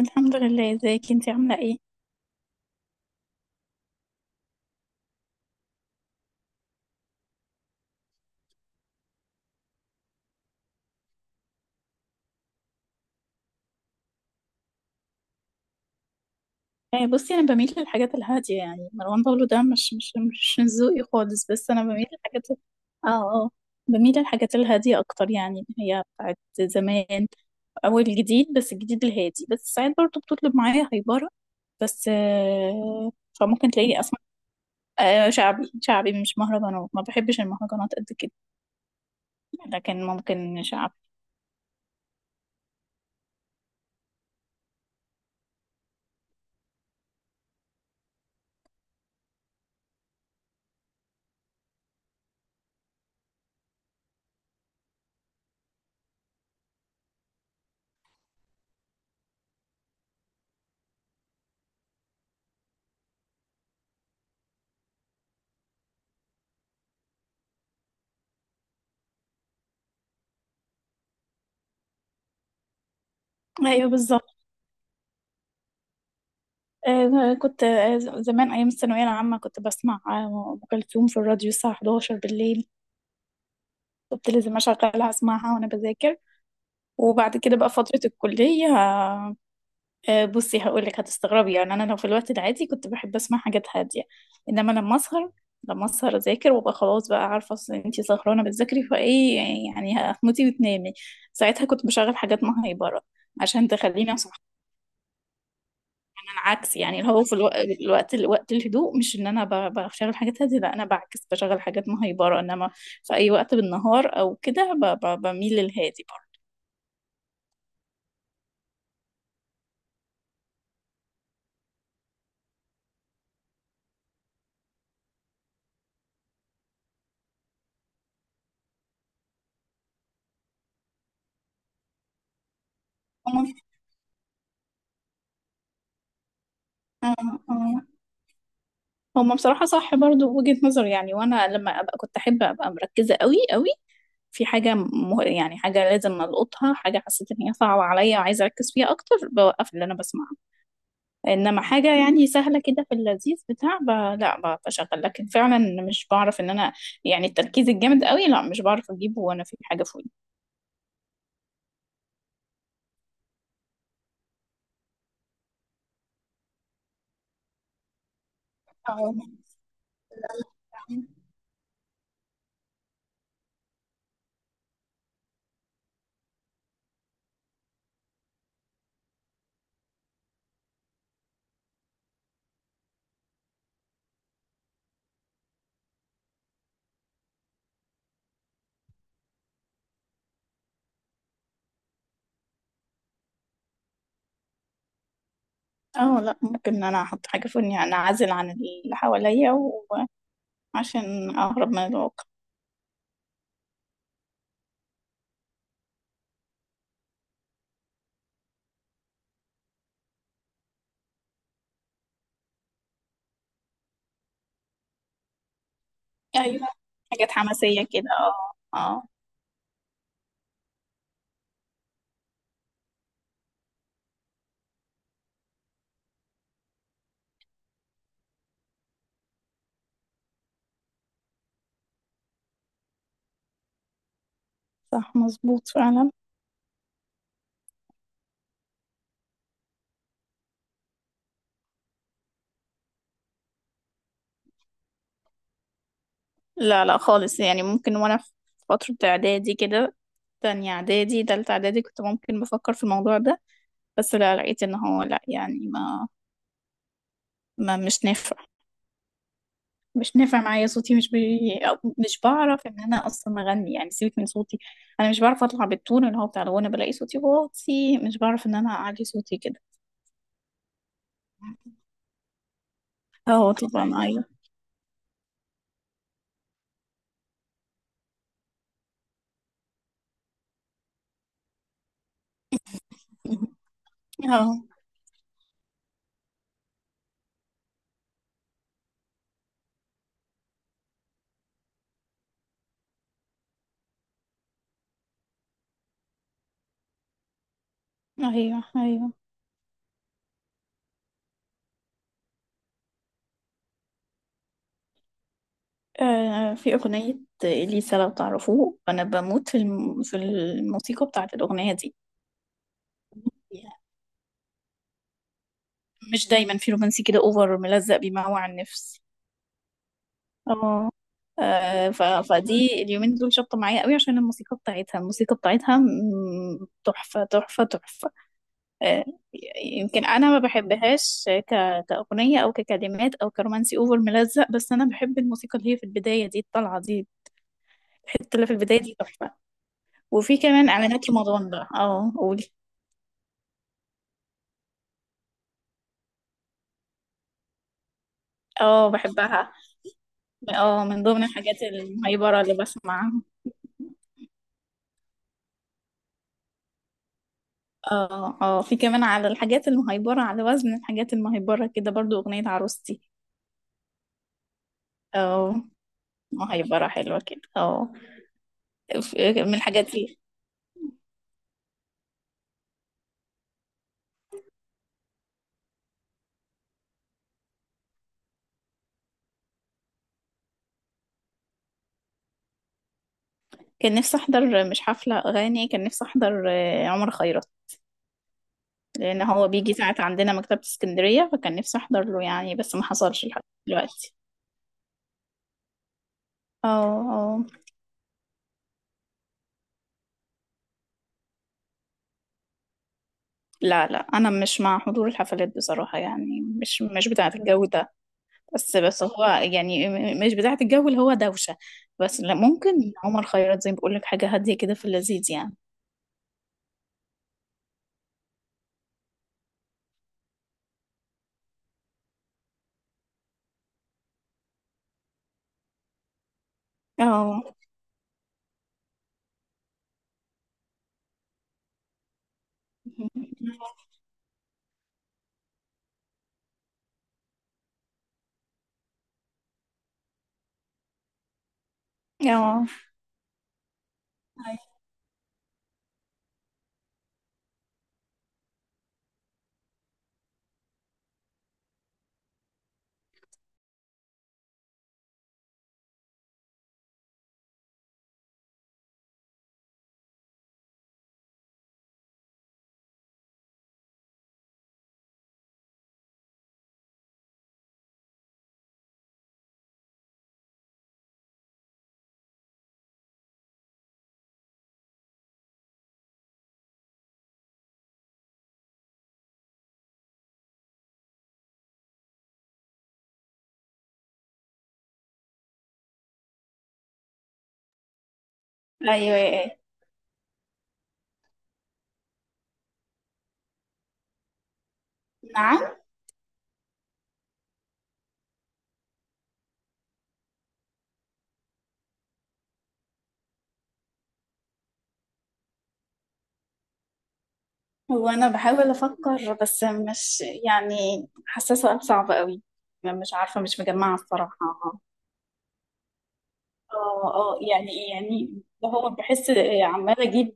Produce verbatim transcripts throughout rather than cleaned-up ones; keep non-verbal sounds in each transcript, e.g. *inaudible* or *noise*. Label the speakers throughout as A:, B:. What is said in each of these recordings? A: الحمد لله. ازيك انتي عاملة ايه؟ آه، بصي انا بميل للحاجات الهادية. يعني مروان بابلو ده مش مش مش من ذوقي خالص، بس انا بميل للحاجات ال- اه اه. بميل للحاجات الهادية اكتر، يعني اللي هي بتاعت زمان او الجديد، بس الجديد الهادي. بس ساعات برضه بتطلب معايا هايبرة، بس آه. فممكن تلاقيني اسمع، آه، شعبي شعبي، مش مهرجانات. ما بحبش المهرجانات قد كده، لكن ممكن شعبي. ايوه بالظبط. آه، كنت، آه، زمان أيام الثانوية العامة، كنت بسمع آه، أم كلثوم في الراديو الساعة حداشر بالليل. كنت لازم أشغلها أسمعها وأنا بذاكر. وبعد كده بقى فترة الكلية، آه، آه، بصي هقولك هتستغربي. يعني أنا لو في الوقت العادي كنت بحب أسمع حاجات هادية، إنما لما أسهر، لما أسهر أذاكر وأبقى خلاص، بقى عارفة أصل أنتي سهرانة بتذاكري فإيه، يعني هتموتي وتنامي. ساعتها كنت بشغل حاجات مهيبرة عشان تخليني أصحى. عكس، يعني اللي هو في الو... الوقت الوقت الهدوء، مش ان انا ب... بشغل حاجات هادية، لا انا بعكس بشغل حاجات مهيبرة. انما في اي وقت بالنهار او كده ب... ب... بميل للهادي برضه. هم. آه. آه. هم، بصراحة صح، برضو وجهة نظر. يعني وانا لما ابقى، كنت احب ابقى مركزة قوي قوي في حاجة مه... يعني حاجة لازم القطها، حاجة حسيت ان هي صعبة عليا وعايزة اركز فيها اكتر، بوقف اللي انا بسمعه. انما حاجه يعني سهله كده، في اللذيذ بتاع ب... لا بشغل. لكن فعلا مش بعرف ان انا، يعني التركيز الجامد قوي لا، مش بعرف اجيبه وانا في حاجه في ودني. اه اه. لا، ممكن ان انا احط حاجه في ودني، يعني اعزل عن اللي حواليا، وعشان اهرب من الواقع. ايوه. حاجات حماسيه كده، اه اه. صح مظبوط فعلا. لا لا خالص. يعني ممكن وانا في فتره اعدادي كده، تانية اعدادي تالتة اعدادي، كنت ممكن بفكر في الموضوع ده. بس لا، لقيت ان هو لا، يعني ما ما مش نافع. مش نافع معايا. صوتي مش بي... أو مش بعرف ان انا اصلا اغني. يعني سيبك من صوتي، انا مش بعرف اطلع بالتون اللي هو بتاع الغنى، بلاقي صوتي واطي، مش بعرف ان انا اعلي صوتي كده. اه طبعا ايوه. اه. *laughs* ايوه ايوه. آه، في اغنية اليسا، لو تعرفوه انا بموت في الم... في الموسيقى بتاعت الاغنية دي. مش دايما، في رومانسي كده اوفر ملزق بيموع النفس. اه. آه، ف... فدي اليومين دول شابطة معايا قوي، عشان الموسيقى بتاعتها، الموسيقى بتاعتها م- تحفة تحفة تحفة. آه، يمكن أنا ما بحبهاش ك... كأغنية أو ككلمات أو كرومانسي أوفر ملزق، بس أنا بحب الموسيقى اللي هي في البداية دي، الطلعة دي، الحتة اللي في البداية دي تحفة. وفي كمان إعلانات رمضان بقى، اه قولي. اه بحبها. اه، من ضمن الحاجات المهيبرة اللي بسمعها. اه اه، في كمان على الحاجات المهيبرة، على وزن الحاجات المهيبرة كده برضو، أغنية عروستي. اه. هيبقى حلوة كده، اه. ف- من الحاجات دي. كان نفسي احضر، مش حفلة اغاني، كان نفسي احضر آه، عمر خيرت. لان هو بيجي ساعات عندنا مكتبة اسكندرية، فكان نفسي احضر له يعني، بس ما حصلش لحد دلوقتي. اه اه. لا لا، انا مش مع حضور الحفلات بصراحة، يعني مش مش بتاعة الجو ده. بس بس هو يعني م- مش بتاعة الجو اللي هو دوشة. بس لا، ممكن عمر خيرت زي ما بقول لك، حاجة هادية كده، في اللذيذ يعني. اه. *laughs* اه ايوه أيوة. نعم. هو أنا بحاول أفكر، بس مش، يعني حاسة سؤال صعب قوي. مش عارفة، مش مجمعة الصراحة. اه اه، يعني يعني ده، هو بحس، آه، عمالة أجيب،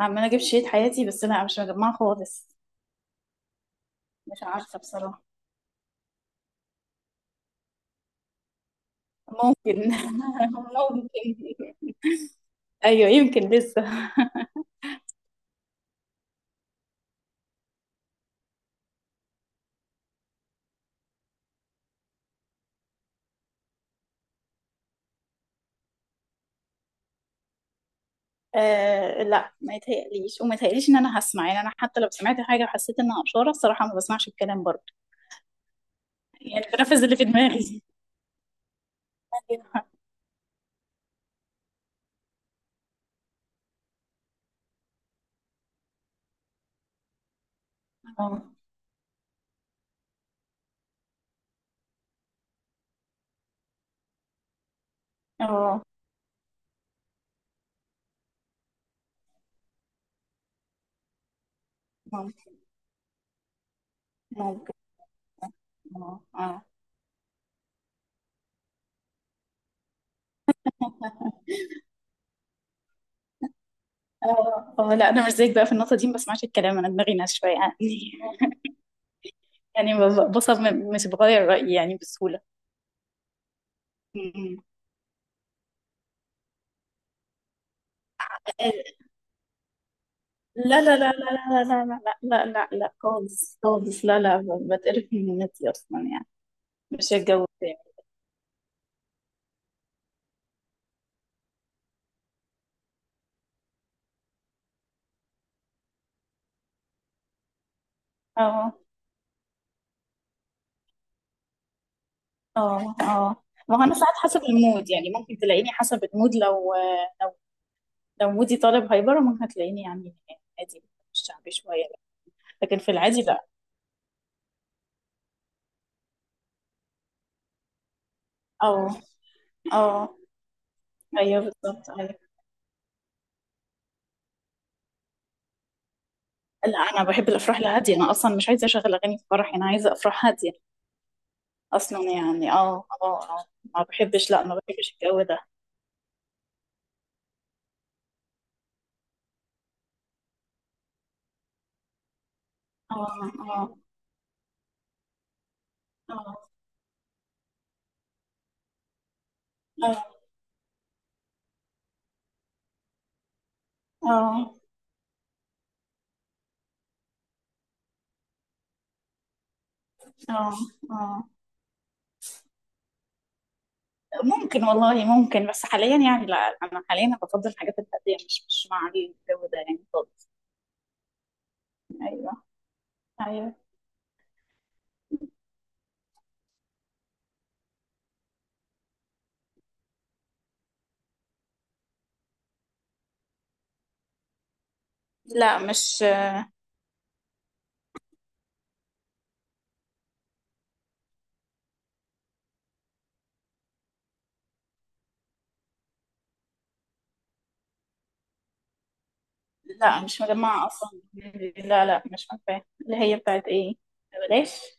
A: عمالة أجيب شريط حياتي، بس لا مش مجمعة خالص. مش عارفة بصراحة. ممكن. *laughs* ممكن. أيوه، يمكن لسه. آه لا، ما يتهيأليش وما يتهيأليش إن أنا هسمع. يعني أنا حتى لو سمعت حاجة وحسيت إنها إشارة، الصراحة ما بسمعش الكلام برضه. يعني بنفذ اللي في دماغي. *laughs* آه. اه ممكن. ممكن. اه اه اه اه. لا انا مش زيك بقى في النقطه دي، ما بسمعش الكلام، انا دماغي ناس شويه يعني. *laughs* يعني ب- بصمم، مش بغير رايي يعني بسهوله. م. م. لا لا لا لا لا لا لا لا لا لا لا خالص خالص لا لا. ب- بتقرف من النت اصلا يعني. مش الجو بتاعي. اه اه اه. ما هو انا ساعات حسب المود، يعني ممكن تلاقيني حسب المود. لو لو، لو مودي طالب هايبر، ممكن هتلاقيني يعني عادي، مش شعبي شويه. لكن في العادي لا. اه اه. ايوه بالظبط ايوه. لا انا بحب الافراح الهاديه، انا اصلا مش عايزه اشغل اغاني في فرحي، انا عايزه افراح هاديه اصلا. يعني اه اه اه، ما بحبش. لا ما بحبش الجو ده. اه اه اه اه اه اه. آه. ممكن والله ممكن، بس حاليا يعني لا، انا حاليا بفضل الحاجات الهاديه، مش مش مع الجو ده يعني خالص. ايوه ايوه. لا مش لا مش مجمعه اصلا. لا لا، مش عارفه اللي هي بتاعت ايه. بلاش.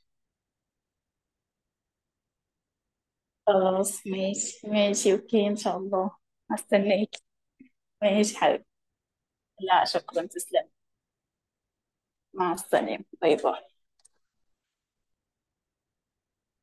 A: خلاص ماشي ماشي اوكي ان شاء الله. هستناك. ماشي حبيبي. لا شكرا تسلم. مع السلامة باي باي.